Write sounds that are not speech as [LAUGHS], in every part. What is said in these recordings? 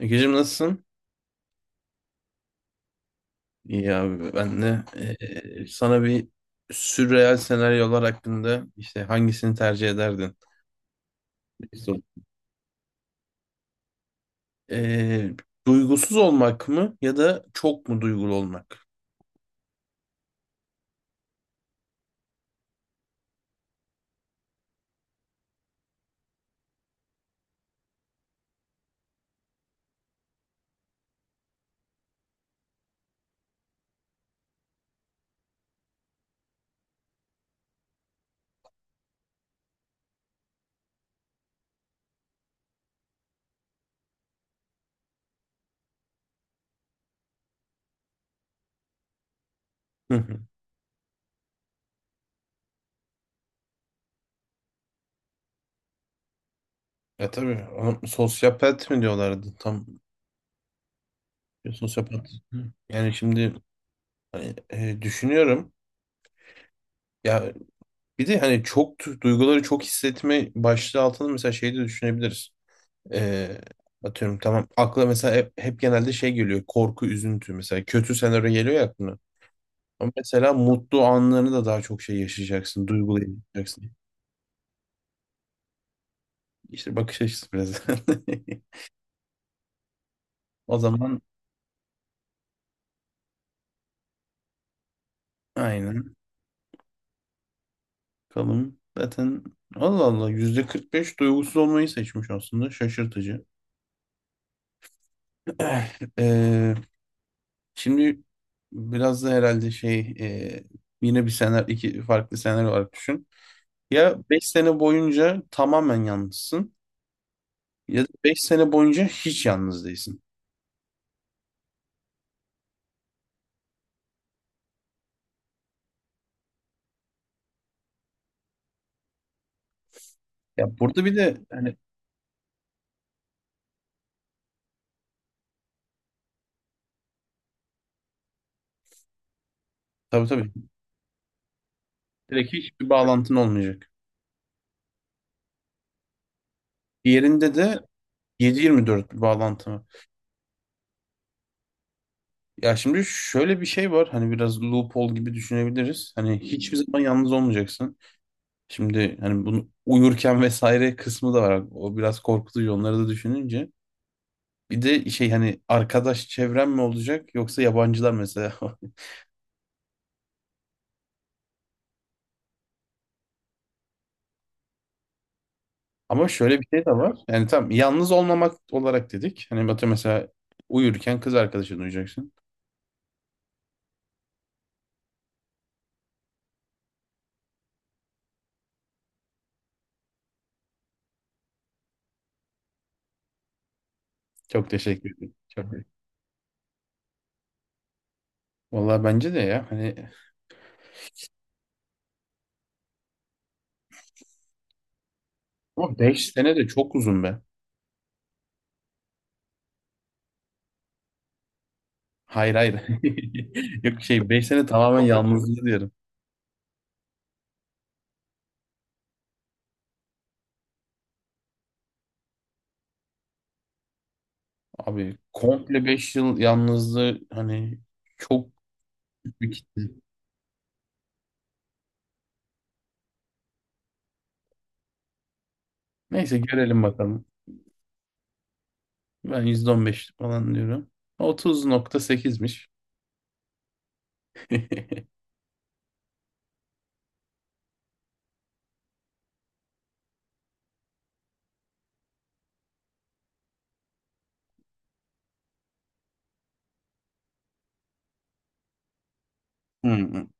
Egeciğim nasılsın? İyi abi ben de sana bir sürreal senaryolar hakkında işte hangisini tercih ederdin? Bir Eee, Duygusuz olmak mı ya da çok mu duygulu olmak? Hı hı. Ya tabii ama sosyopat mı diyorlardı tam sosyopat. Hı. Yani şimdi hani, düşünüyorum ya bir de hani çok duyguları çok hissetme başlığı altında mesela şey de düşünebiliriz. Ee, Atıyorum tamam. Akla mesela hep genelde şey geliyor. Korku, üzüntü mesela. Kötü senaryo geliyor ya aklına. Ama mesela mutlu anlarını da daha çok şey yaşayacaksın. Duygulayacaksın. İşte bakış açısı biraz. [LAUGHS] O zaman aynen. Bakalım. Zaten Allah Allah %45 duygusuz olmayı seçmiş aslında. Şaşırtıcı. [CLEARS THROAT] Ee, Şimdi biraz da herhalde şey yine bir senaryo iki farklı senaryo olarak düşün. Ya 5 sene boyunca tamamen yalnızsın. Ya da 5 sene boyunca hiç yalnız değilsin. Ya burada bir de hani tabii tabii direkt hiçbir bağlantın olmayacak. Diğerinde de 7/24 bir bağlantı var. Ya şimdi şöyle bir şey var hani biraz loophole gibi düşünebiliriz. Hani hiçbir zaman yalnız olmayacaksın. Şimdi hani bunu uyurken [LAUGHS] vesaire kısmı da var. O biraz korkutucu onları da düşününce. Bir de şey hani arkadaş çevren mi olacak yoksa yabancılar mesela. [LAUGHS] Ama şöyle bir şey de var. Yani tam yalnız olmamak olarak dedik. Hani Batu mesela uyurken kız arkadaşını uyuyacaksın. Çok teşekkür ederim. Vallahi bence de ya hani ama 5 sene de çok uzun be. Hayır hayır. [LAUGHS] Yok şey 5 sene tamamen yalnızlığı diyorum. Abi komple 5 yıl yalnızlığı hani çok büyük bir kitle. Neyse görelim bakalım. Ben %15 falan diyorum. 30.8'miş. [LAUGHS] Hmm.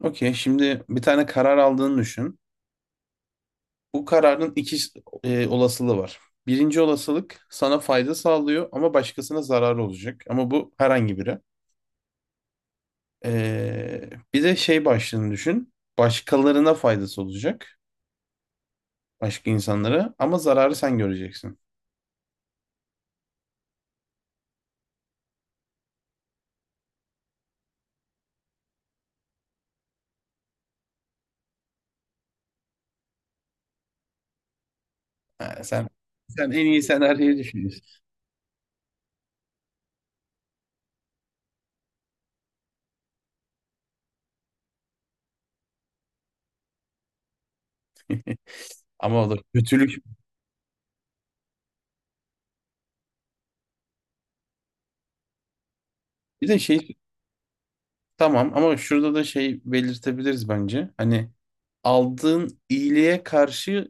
Okey şimdi bir tane karar aldığını düşün. Bu kararın iki olasılığı var. Birinci olasılık sana fayda sağlıyor ama başkasına zarar olacak. Ama bu herhangi biri. Bir de şey başlığını düşün. Başkalarına faydası olacak. Başka insanlara ama zararı sen göreceksin. Ha, sen en iyi senaryoyu düşünüyorsun. [LAUGHS] Ama o da kötülük. Bir de şey Tamam ama şurada da şey belirtebiliriz bence. Hani aldığın iyiliğe karşı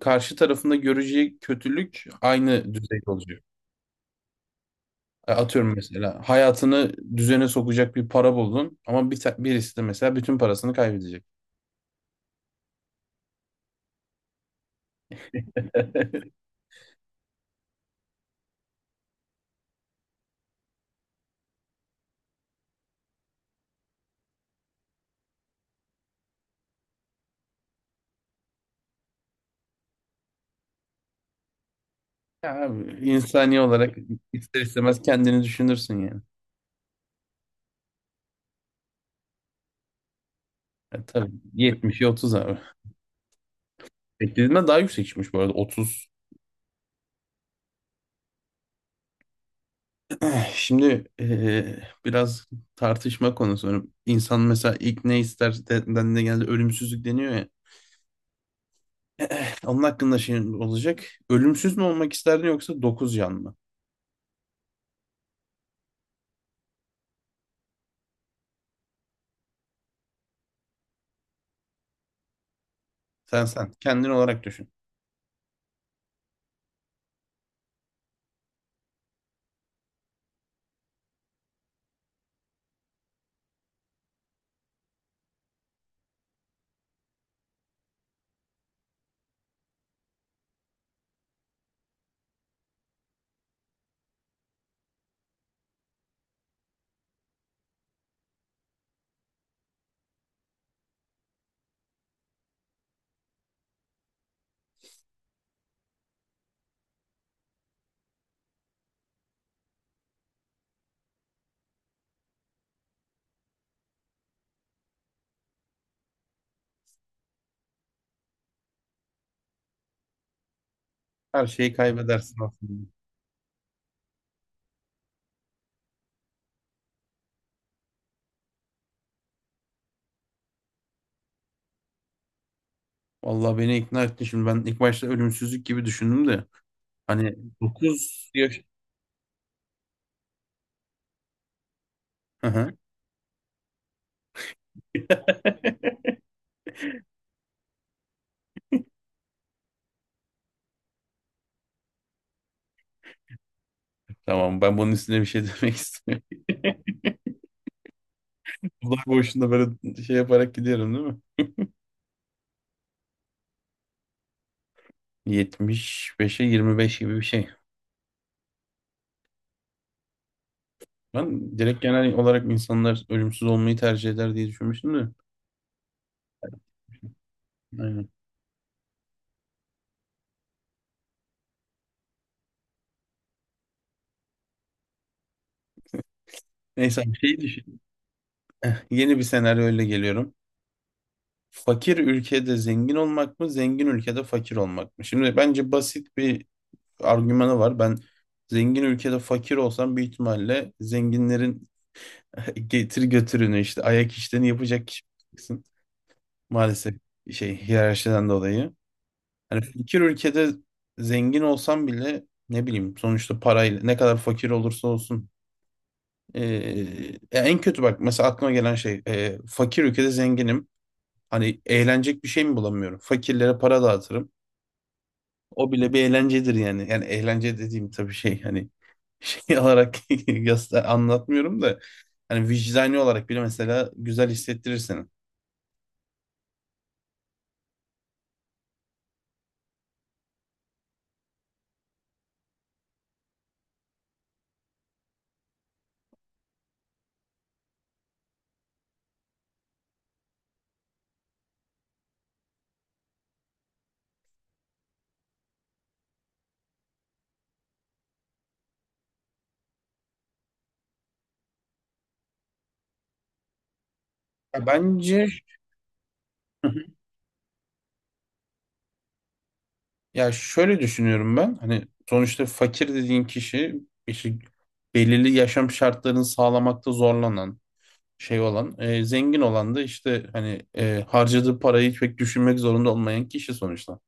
karşı tarafında göreceği kötülük aynı düzeyde olacak. Atıyorum mesela hayatını düzene sokacak bir para buldun ama birisi de mesela bütün parasını kaybedecek. [LAUGHS] Ya abi, insani olarak ister istemez kendini düşünürsün yani. Tabii 70'i 30 abi. Beklediğimden daha yüksek çıkmış bu arada 30. Şimdi biraz tartışma konusu. Hani İnsan mesela ilk ne ister dendiğinde genelde ölümsüzlük deniyor ya. Onun hakkında şey olacak. Ölümsüz mü olmak isterdin yoksa dokuz can mı? Sen sen. Kendin olarak düşün. Her şeyi kaybedersin aslında. Vallahi beni ikna ettin. Şimdi ben ilk başta ölümsüzlük gibi düşündüm de. Hani dokuz yaş... Hı hı. Tamam ben bunun üstüne bir şey demek istemiyorum. [LAUGHS] Bunlar boşuna böyle şey yaparak gidiyorum değil mi? 75'e 25 gibi bir şey. Ben direkt genel olarak insanlar ölümsüz olmayı tercih eder diye düşünmüştüm de. Aynen. Neyse bir şey düşün. Yeni bir senaryo öyle geliyorum. Fakir ülkede zengin olmak mı, zengin ülkede fakir olmak mı? Şimdi bence basit bir argümanı var. Ben zengin ülkede fakir olsam büyük ihtimalle zenginlerin [LAUGHS] getir götürünü işte ayak işlerini yapacak kişi olacaksın. Maalesef şey hiyerarşiden dolayı. Hani fakir ülkede zengin olsam bile ne bileyim sonuçta parayla ne kadar fakir olursa olsun. Ee, Ya en kötü bak mesela aklıma gelen şey fakir ülkede zenginim. Hani eğlenecek bir şey mi bulamıyorum? Fakirlere para dağıtırım. O bile bir eğlencedir yani. Yani eğlence dediğim tabii şey hani şey [LAUGHS] olarak anlatmıyorum da hani vicdani olarak bile mesela güzel hissettirir seni. Ya bence. Hı hı. Ya şöyle düşünüyorum ben. Hani sonuçta fakir dediğin kişi işte belirli yaşam şartlarını sağlamakta zorlanan şey olan zengin olan da işte hani harcadığı parayı pek düşünmek zorunda olmayan kişi sonuçta.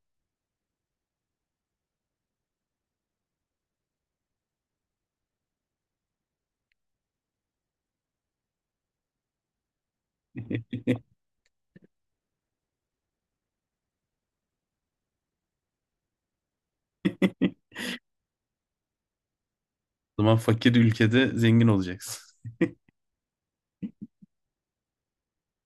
[LAUGHS] O zaman fakir ülkede zengin olacaksın.